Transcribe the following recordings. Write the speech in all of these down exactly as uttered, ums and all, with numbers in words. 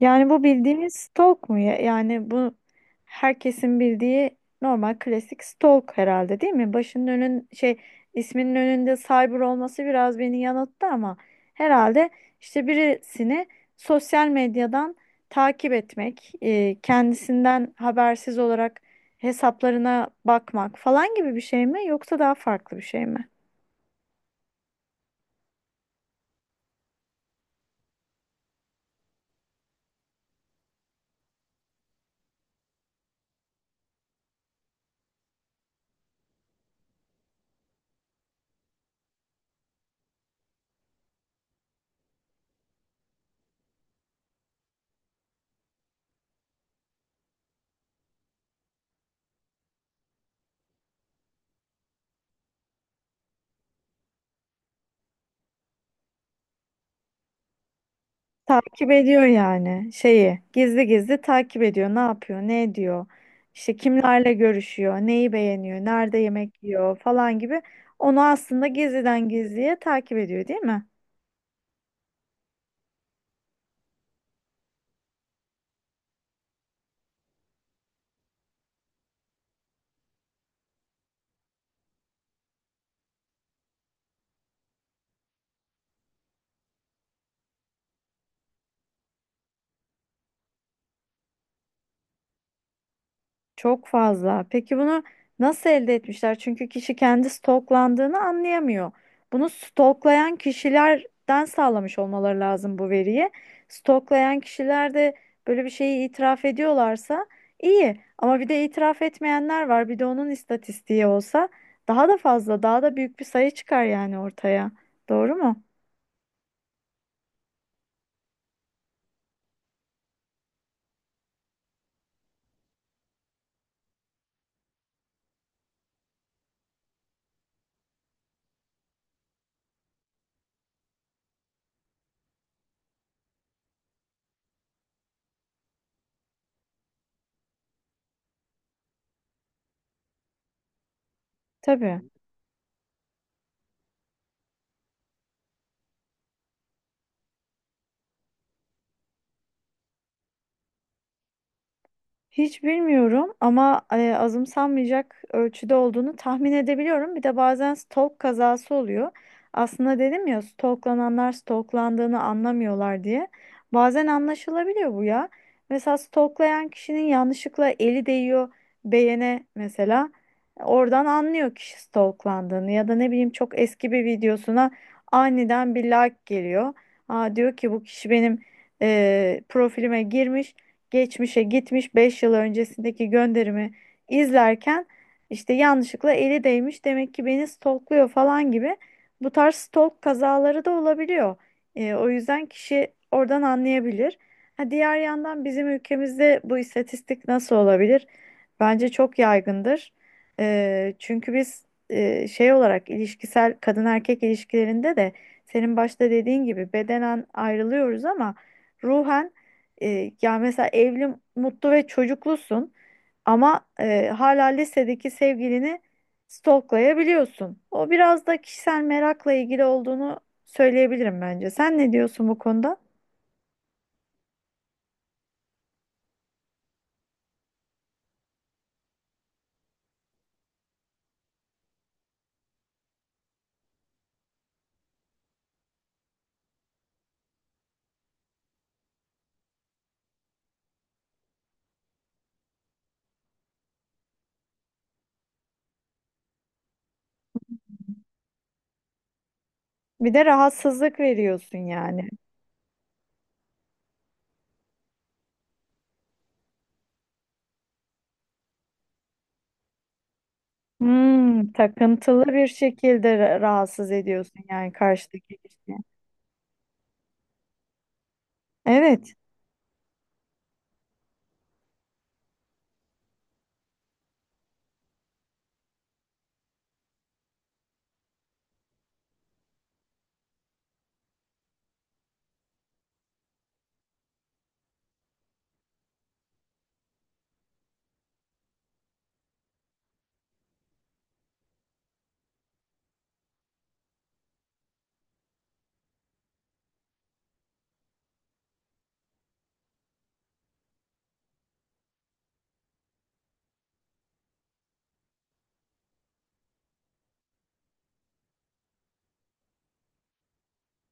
Yani bu bildiğimiz stalk mu, ya? Yani bu herkesin bildiği normal klasik stalk herhalde, değil mi? Başının önün şey, isminin önünde cyber olması biraz beni yanılttı ama herhalde işte birisini sosyal medyadan takip etmek, e, kendisinden habersiz olarak hesaplarına bakmak falan gibi bir şey mi yoksa daha farklı bir şey mi? Takip ediyor yani şeyi. Gizli gizli takip ediyor. Ne yapıyor, ne ediyor? İşte kimlerle görüşüyor, neyi beğeniyor, nerede yemek yiyor falan gibi. Onu aslında gizliden gizliye takip ediyor, değil mi? Çok fazla. Peki bunu nasıl elde etmişler? Çünkü kişi kendi stalklandığını anlayamıyor. Bunu stalklayan kişilerden sağlamış olmaları lazım bu veriyi. Stalklayan kişiler de böyle bir şeyi itiraf ediyorlarsa iyi. Ama bir de itiraf etmeyenler var. Bir de onun istatistiği olsa daha da fazla, daha da büyük bir sayı çıkar yani ortaya. Doğru mu? Tabii. Hiç bilmiyorum ama e, azımsanmayacak ölçüde olduğunu tahmin edebiliyorum. Bir de bazen stalk kazası oluyor. Aslında dedim ya stalklananlar stalklandığını anlamıyorlar diye. Bazen anlaşılabiliyor bu ya. Mesela stalklayan kişinin yanlışlıkla eli değiyor beğene mesela. Oradan anlıyor kişi stalklandığını ya da ne bileyim çok eski bir videosuna aniden bir like geliyor. Aa, diyor ki bu kişi benim e, profilime girmiş, geçmişe gitmiş, beş yıl öncesindeki gönderimi izlerken işte yanlışlıkla eli değmiş demek ki beni stalkluyor falan gibi bu tarz stalk kazaları da olabiliyor. Ee, o yüzden kişi oradan anlayabilir. Ha, diğer yandan bizim ülkemizde bu istatistik nasıl olabilir? Bence çok yaygındır. Ee, çünkü biz e, şey olarak ilişkisel kadın erkek ilişkilerinde de senin başta dediğin gibi bedenen ayrılıyoruz ama ruhen e, ya mesela evli, mutlu ve çocuklusun ama e, hala lisedeki sevgilini stalklayabiliyorsun. O biraz da kişisel merakla ilgili olduğunu söyleyebilirim bence. Sen ne diyorsun bu konuda? Bir de rahatsızlık veriyorsun yani. Hmm, takıntılı bir şekilde ra- rahatsız ediyorsun yani karşıdaki kişiyi. Evet.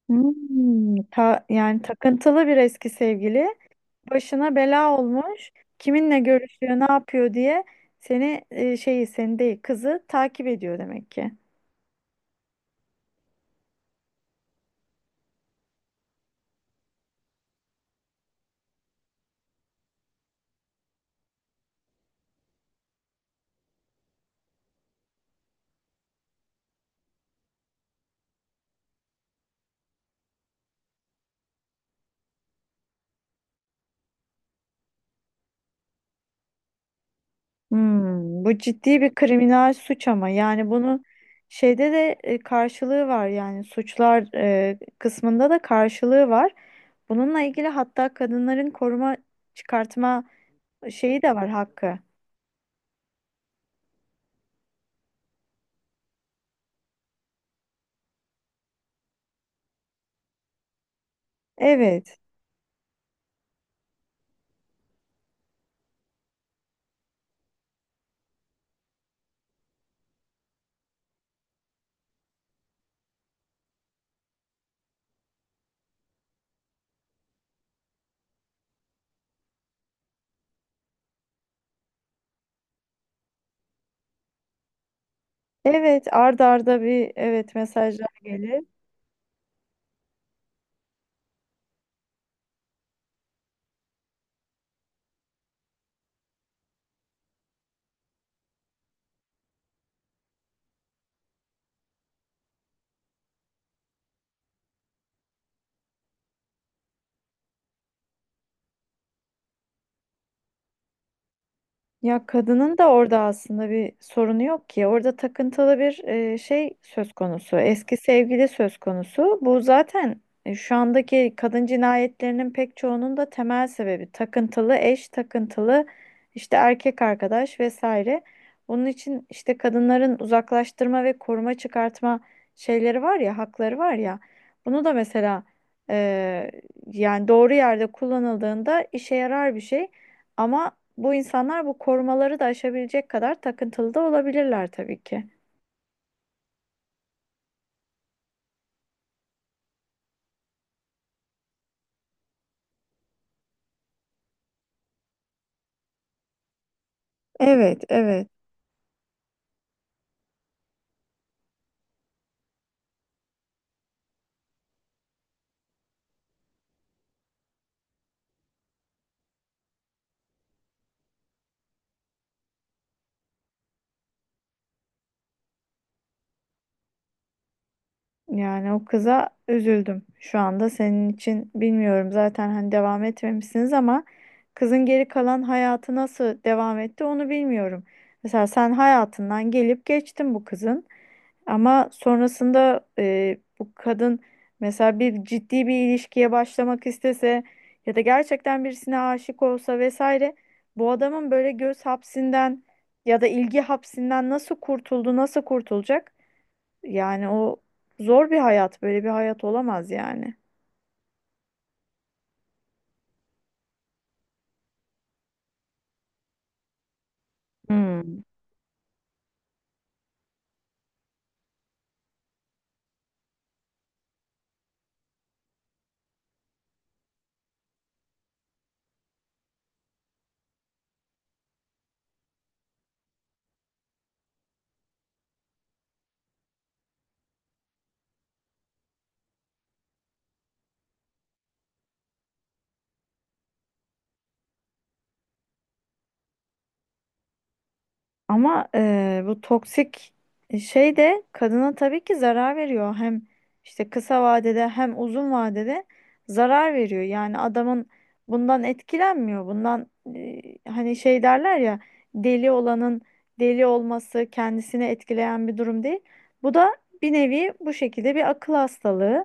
Hmm, ta- yani takıntılı bir eski sevgili, başına bela olmuş. Kiminle görüşüyor, ne yapıyor diye seni e, şeyi, seni değil kızı takip ediyor demek ki. Hmm, bu ciddi bir kriminal suç ama yani bunu şeyde de e, karşılığı var yani suçlar e, kısmında da karşılığı var. Bununla ilgili hatta kadınların koruma çıkartma şeyi de var, hakkı. Evet. Evet, arda arda bir evet mesajlar gelir. Ya kadının da orada aslında bir sorunu yok ki. Orada takıntılı bir e, şey söz konusu. Eski sevgili söz konusu. Bu zaten e, şu andaki kadın cinayetlerinin pek çoğunun da temel sebebi takıntılı eş, takıntılı işte erkek arkadaş vesaire. Bunun için işte kadınların uzaklaştırma ve koruma çıkartma şeyleri var ya, hakları var ya. Bunu da mesela e, yani doğru yerde kullanıldığında işe yarar bir şey. Ama bu insanlar bu korumaları da aşabilecek kadar takıntılı da olabilirler tabii ki. Evet, evet. Yani o kıza üzüldüm şu anda, senin için bilmiyorum zaten hani devam etmemişsiniz ama kızın geri kalan hayatı nasıl devam etti onu bilmiyorum. Mesela sen hayatından gelip geçtin bu kızın ama sonrasında e, bu kadın mesela bir ciddi bir ilişkiye başlamak istese ya da gerçekten birisine aşık olsa vesaire bu adamın böyle göz hapsinden ya da ilgi hapsinden nasıl kurtuldu, nasıl kurtulacak? Yani o zor bir hayat, böyle bir hayat olamaz yani. Hmm. Ama eee, bu toksik e, şey de kadına tabii ki zarar veriyor. Hem işte kısa vadede hem uzun vadede zarar veriyor. Yani adamın bundan etkilenmiyor. Bundan eee, Hani şey derler ya, deli olanın deli olması kendisini etkileyen bir durum değil. Bu da bir nevi bu şekilde bir akıl hastalığı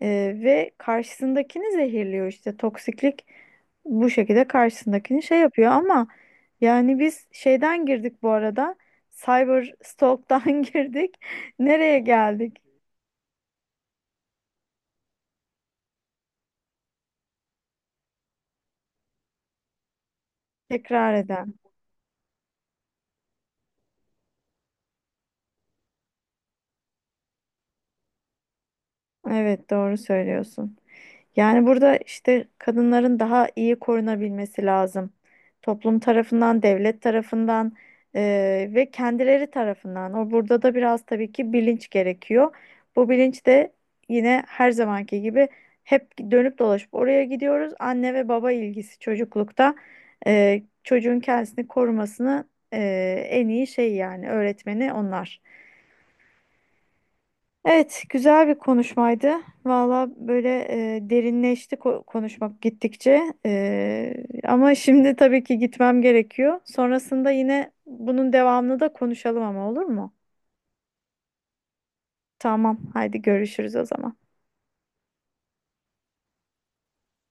eee, ve karşısındakini zehirliyor işte toksiklik bu şekilde karşısındakini şey yapıyor ama. Yani biz şeyden girdik bu arada. Cyber stalk'tan girdik. Nereye geldik? Tekrar eden. Evet, doğru söylüyorsun. Yani burada işte kadınların daha iyi korunabilmesi lazım. Toplum tarafından, devlet tarafından, eee, ve kendileri tarafından. O burada da biraz tabii ki bilinç gerekiyor. Bu bilinç de yine her zamanki gibi hep dönüp dolaşıp oraya gidiyoruz. Anne ve baba ilgisi çocuklukta eee, çocuğun kendisini korumasını eee, en iyi şey yani öğretmeni onlar. Evet, güzel bir konuşmaydı. Valla böyle e, derinleşti ko- konuşmak gittikçe. E, ama şimdi tabii ki gitmem gerekiyor. Sonrasında yine bunun devamını da konuşalım ama, olur mu? Tamam, haydi görüşürüz o zaman.